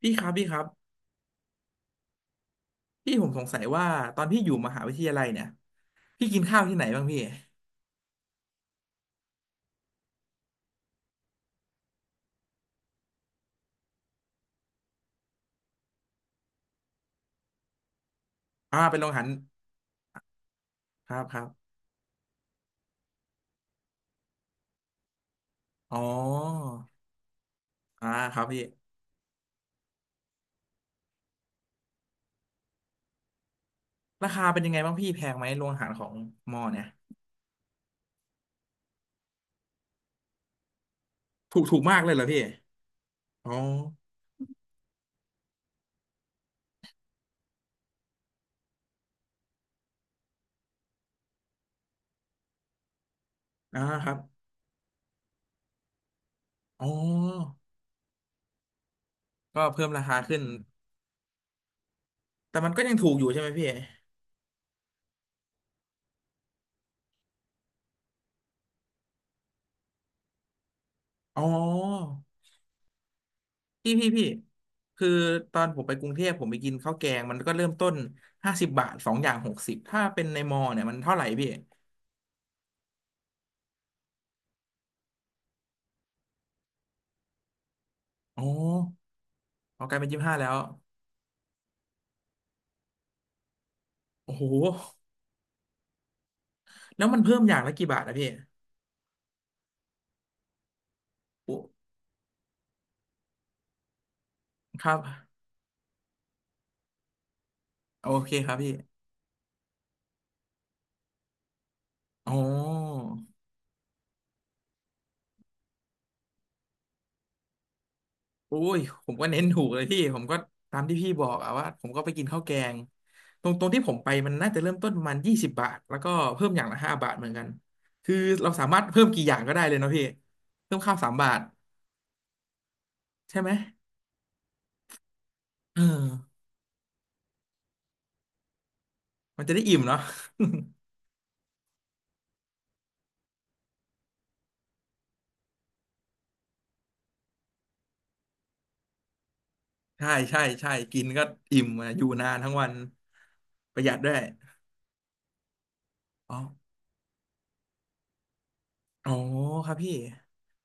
พี่ครับพี่ครับพี่ผมสงสัยว่าตอนพี่อยู่มหาวิทยาลัยเนี่ยพี่กินข้าวที่ไหนบ้างพี่อ่าเป็นโรงอาหารครับครับอ๋ออ่าครับพี่ราคาเป็นยังไงบ้างพี่แพงไหมโรงอาหารของมอเนี่ยถูกถูกมากเลยเหรอพี่อ๋ออ่าครับอ๋อก็เพิ่มราคาขึ้นแต่มันก็ยังถูกอยู่ใช่ไหมพี่อ๋อพี่พี่พี่คือตอนผมไปกรุงเทพผมไปกินข้าวแกงมันก็เริ่มต้น50 บาทสองอย่าง60ถ้าเป็นในมอเนี่ยมันเท่าไหร่พี่อ๋อ ออกกลายเป็น25แล้วโอ้โหแล้วมันเพิ่มอย่างละกี่บาทนะพี่โอ้ครับโอเคครับพี่อ๋อโอ้ยผมก็เน้นถูกเลยพี่ผมก็ตามที่พี่บอกอะว่าผมก็ไปกินข้าวแกงตรงที่ผมไปมันน่าจะเริ่มต้นประมาณ20 บาทแล้วก็เพิ่มอย่างละห้าบาทเหมือนกันคือเราสามารถเพิ่มกี่อย่างก็ได้เลยเนาะพี่เพิ่มข้าว3 บาทใช่ไหมเออมันจะได้อิ่มเนาะ ใช่ใช่ใช่กินก็อิ่มอะอยู่นานทั้งวันประหยัดด้วยอ๋อ อ๋อครับพี่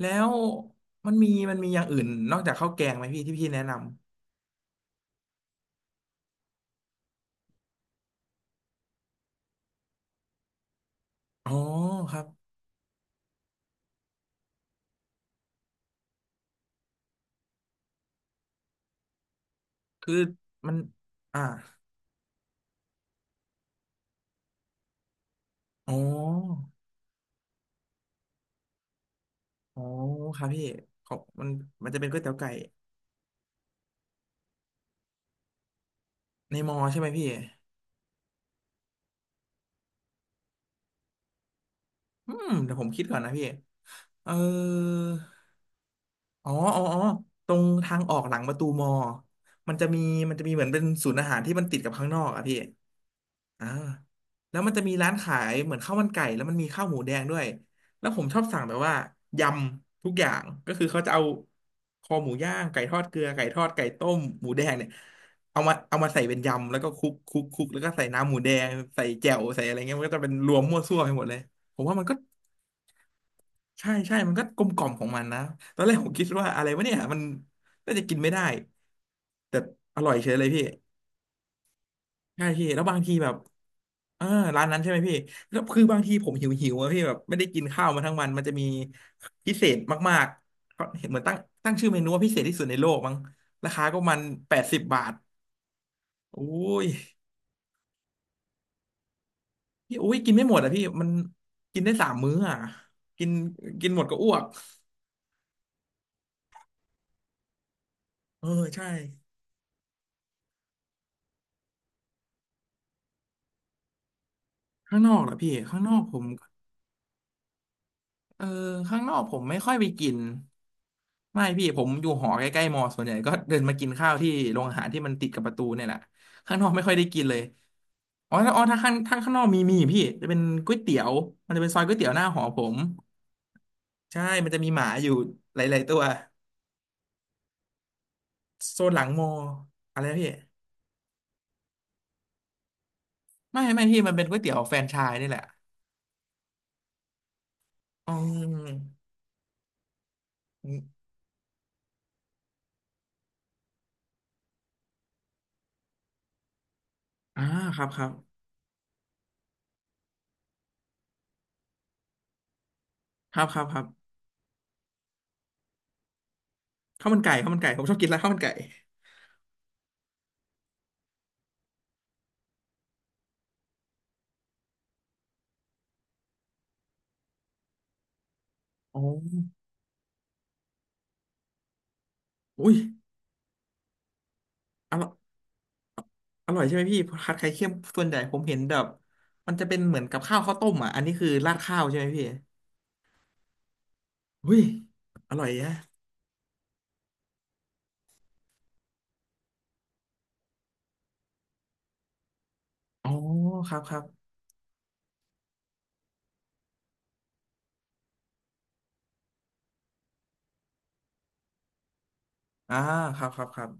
แล้วมันมีอย่างอื่นนอกจากข้าวแกงไหมพี่ที่พี่แนะนำอ๋อครับคือมันอ่าอ๋ออ๋อครับพี่ขอบมันจะเป็นก๋วยเตี๋ยวไก่ในมอใช่ไหมพี่อืมเดี๋ยวผมคิดก่อนนะพี่เอออ๋ออ๋ออ๋อตรงทางออกหลังประตูมอมันจะมีมันจะมีเหมือนเป็นศูนย์อาหารที่มันติดกับข้างนอกอะพี่ อ่าแล้วมันจะมีร้านขายเหมือนข้าวมันไก่แล้วมันมีข้าวหมูแดงด้วยแล้วผมชอบสั่งแบบว่ายำทุกอย่างก็คือเขาจะเอาคอหมูย่างไก่ทอดเกลือไก่ทอดไก่ต้มหมูแดงเนี่ยเอามาใส่เป็นยำแล้วก็คลุกคลุกคลุกแล้วก็ใส่น้ำหมูแดงใส่แจ่วใส่อะไรเงี้ยมันก็จะเป็นรวมมั่วซั่วไปหมดเลยผมว่ามันก็ใช่ใช่มันก็กลมกล่อมของมันนะตอนแรกผมคิดว่าอะไรวะเนี่ยมันน่าจะกินไม่ได้แต่อร่อยเฉยเลยพี่ ใช่พี่แล้วบางทีแบบเออร้านนั้นใช่ไหมพี่แล้วคือบางทีผมหิวหิวอะพี่แบบไม่ได้กินข้าวมาทั้งวันมันจะมีพิเศษมากๆเขาเห็นเหมือนตั้งชื่อเมนูว่าพิเศษที่สุดในโลกมั้งราคาก็มัน80 บาทโอ้ยพี่โอ้ยกินไม่หมดอ่ะพี่มันกินได้สามมื้ออ่ะกินกินหมดก็อ้วกเออใช่ข้างนอกเหรอพี่ข้างนอกผม เออข้างนอกผมไม่ค่อยไปกินไม่พี่ผมอยู่หอใกล้ๆมอส่วนใหญ่ก็เดินมากินข้าวที่โรงอาหารที่มันติดกับประตูเนี่ยแหละข้างนอกไม่ค่อยได้กินเลยอ๋อถ้าข้างนอกมีพี่จะเป็นก๋วยเตี๋ยวมันจะเป็นซอยก๋วยเตี๋ยวหน้าหอผมใช่มันจะมีหมาอยู่หลายๆตัวโซนหลังมออะไรนะพี่ไม่ไม่พี่มันเป็นก๋วยเตี๋ยวแฟรนไชส์นี่แหละอืมอมอ่าครับครับครับครับครับข้าวมันไก่ข้าวมันไก่ผมชอบกินร้านข้าวมันไก่อ๋ออุ้ยอร่อย อร่อยใช่ไหมพี่ผัดไข่เค็มส่วนใหญ่ผมเห็นแบบมันจะเป็นเหมือนกับข้าวข้าวต้มอ่ะอันนี้คือราดข้าวใช่ไหมพี่อุ้ยอร่อยแยะอ๋อครับครับอ่าครับครับครับ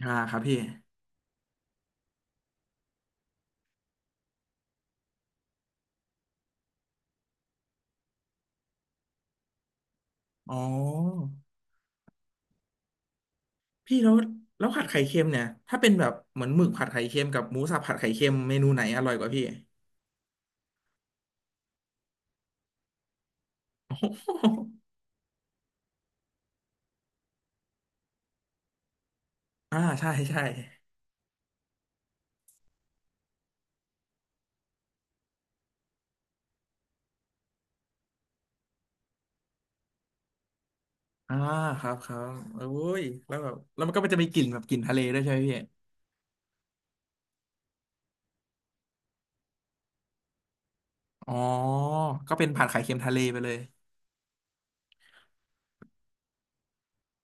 อ่าครับพี่อ๋อพี่แล้วแล้วผัดไข่เค็มเนี่ยถ้าเป็นแบบเหมือนหมึกผัดไข่เค็มกับหมูสับผัดไข่เค็มเมนูไหนอร่อยกว่าพี่โอ้โห อ่าใช่ใช่อ่าครับครับโอ้ยแล้วแบบแล้วมันก็จะมีกลิ่นแบบกลิ่นทะเลด้วยใช่ไหมพี่อ๋อก็เป็นผัดไข่เค็มทะเลไปเลย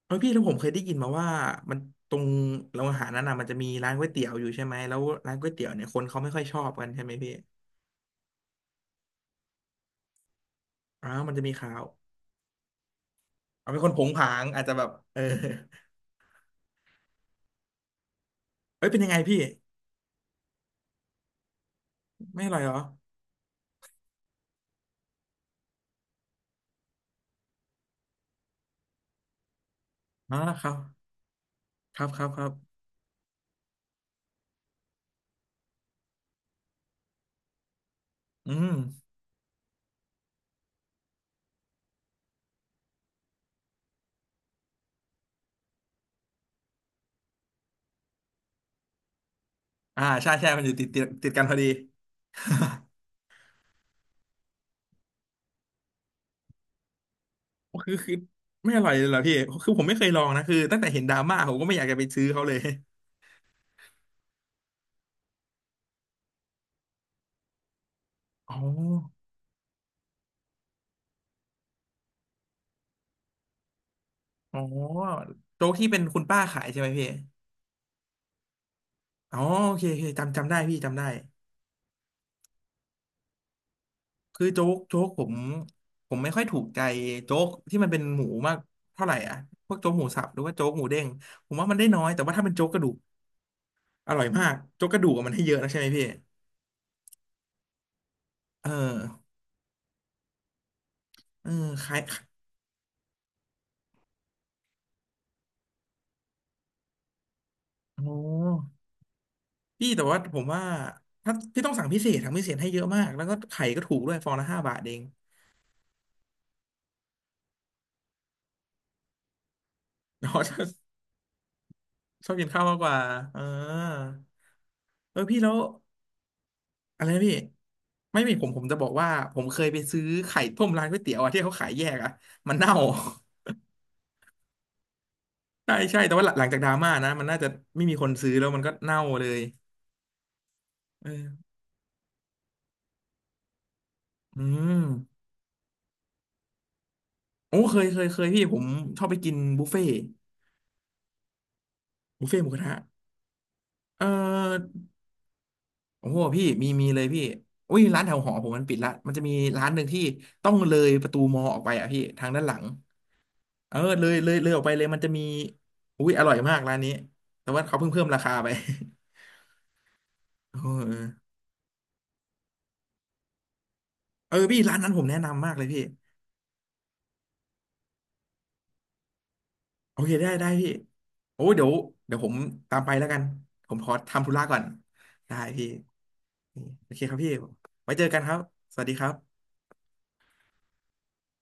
เออพี่แล้วผมเคยได้ยินมาว่ามันตรงโรงอาหารนั้นน่ะมันจะมีร้านก๋วยเตี๋ยวอยู่ใช่ไหมแล้วร้านก๋วยเตี๋ยวเนี่ยคนเขาไม่ค่อยชอบกันใช่ไหมพี่อ้าวมันจะมีข่าวเอาเป็นคนผงผางอาจจะแบบเออ เอ้ยเป็นยังไงพี่ไม่อร่อยเหรออ๋อครับครับครับครับอืมอ่าใช่ใช่มันอยู่ติดติดติดกันพอดีคือไม่อร่อยเลยเหรอพี่คือผมไม่เคยลองนะคือตั้งแต่เห็นดราม่าผมก็ไม่อยากจะไปซื้อเขาเลยอ๋ออ๋อโจ๊กที่เป็นคุณป้าขายใช่ไหมพี่อ๋อโอเคโอเคจำได้พี่จำได้ คือโจ๊กผมไม่ค่อยถูกใจโจ๊กที่มันเป็นหมูมากเท่าไหร่อ่ะพวกโจ๊กหมูสับหรือว่าโจ๊กหมูเด้งผมว่ามันได้น้อยแต่ว่าถ้าเป็นโจ๊กกระดูกอร่อยมากโจ๊กกระดูกอะมันให้เยอะนะใช่ไหมพี่เออเออคล้ายโอ้พี่แต่ว่าผมว่าถ้าพี่ต้องสั่งพิเศษสั่งพิเศษให้เยอะมากแล้วก็ไข่ก็ถูกด้วยฟองละห้าบาทเอง เนาะชอบ ชอบกินข้าวมากกว่าเออเออพี่แล้ว อะไรนะพี่ไม่มีผมผมจะบอกว่าผมเคยไปซื้อไข่ต้มร้านก๋วยเตี๋ยวอะที่เขาขายแยกอะมันเน่า ใช่ใช่แต่ว่าหลังจากดราม่านะมันน่าจะไม่มีคนซื้อแล้วมันก็เน่าเลยเอออืมโอ้เคยเคยเคยพี่ผมชอบไปกินบุฟเฟ่บุฟเฟ่หมูกระทะเออโอ้โหพี่มีเลยพี่อุ้ยร้านแถวหอผมมันปิดละมันจะมีร้านหนึ่งที่ต้องเลยประตูมอออกไปอ่ะพี่ทางด้านหลังเออเลยออกไปเลยมันจะมีอุ้ยอร่อยมากร้านนี้แต่ว่าเขาเพิ่งเพิ่มราคาไป เออเออเออพี่ร้านนั้นผมแนะนำมากเลยพี่โอเคได้ได้พี่โอ้เดี๋ยวผมตามไปแล้วกันผมขอทำธุระก่อนได้พี่โอเคครับพี่ไว้เจอกันครับสวัสดีครับ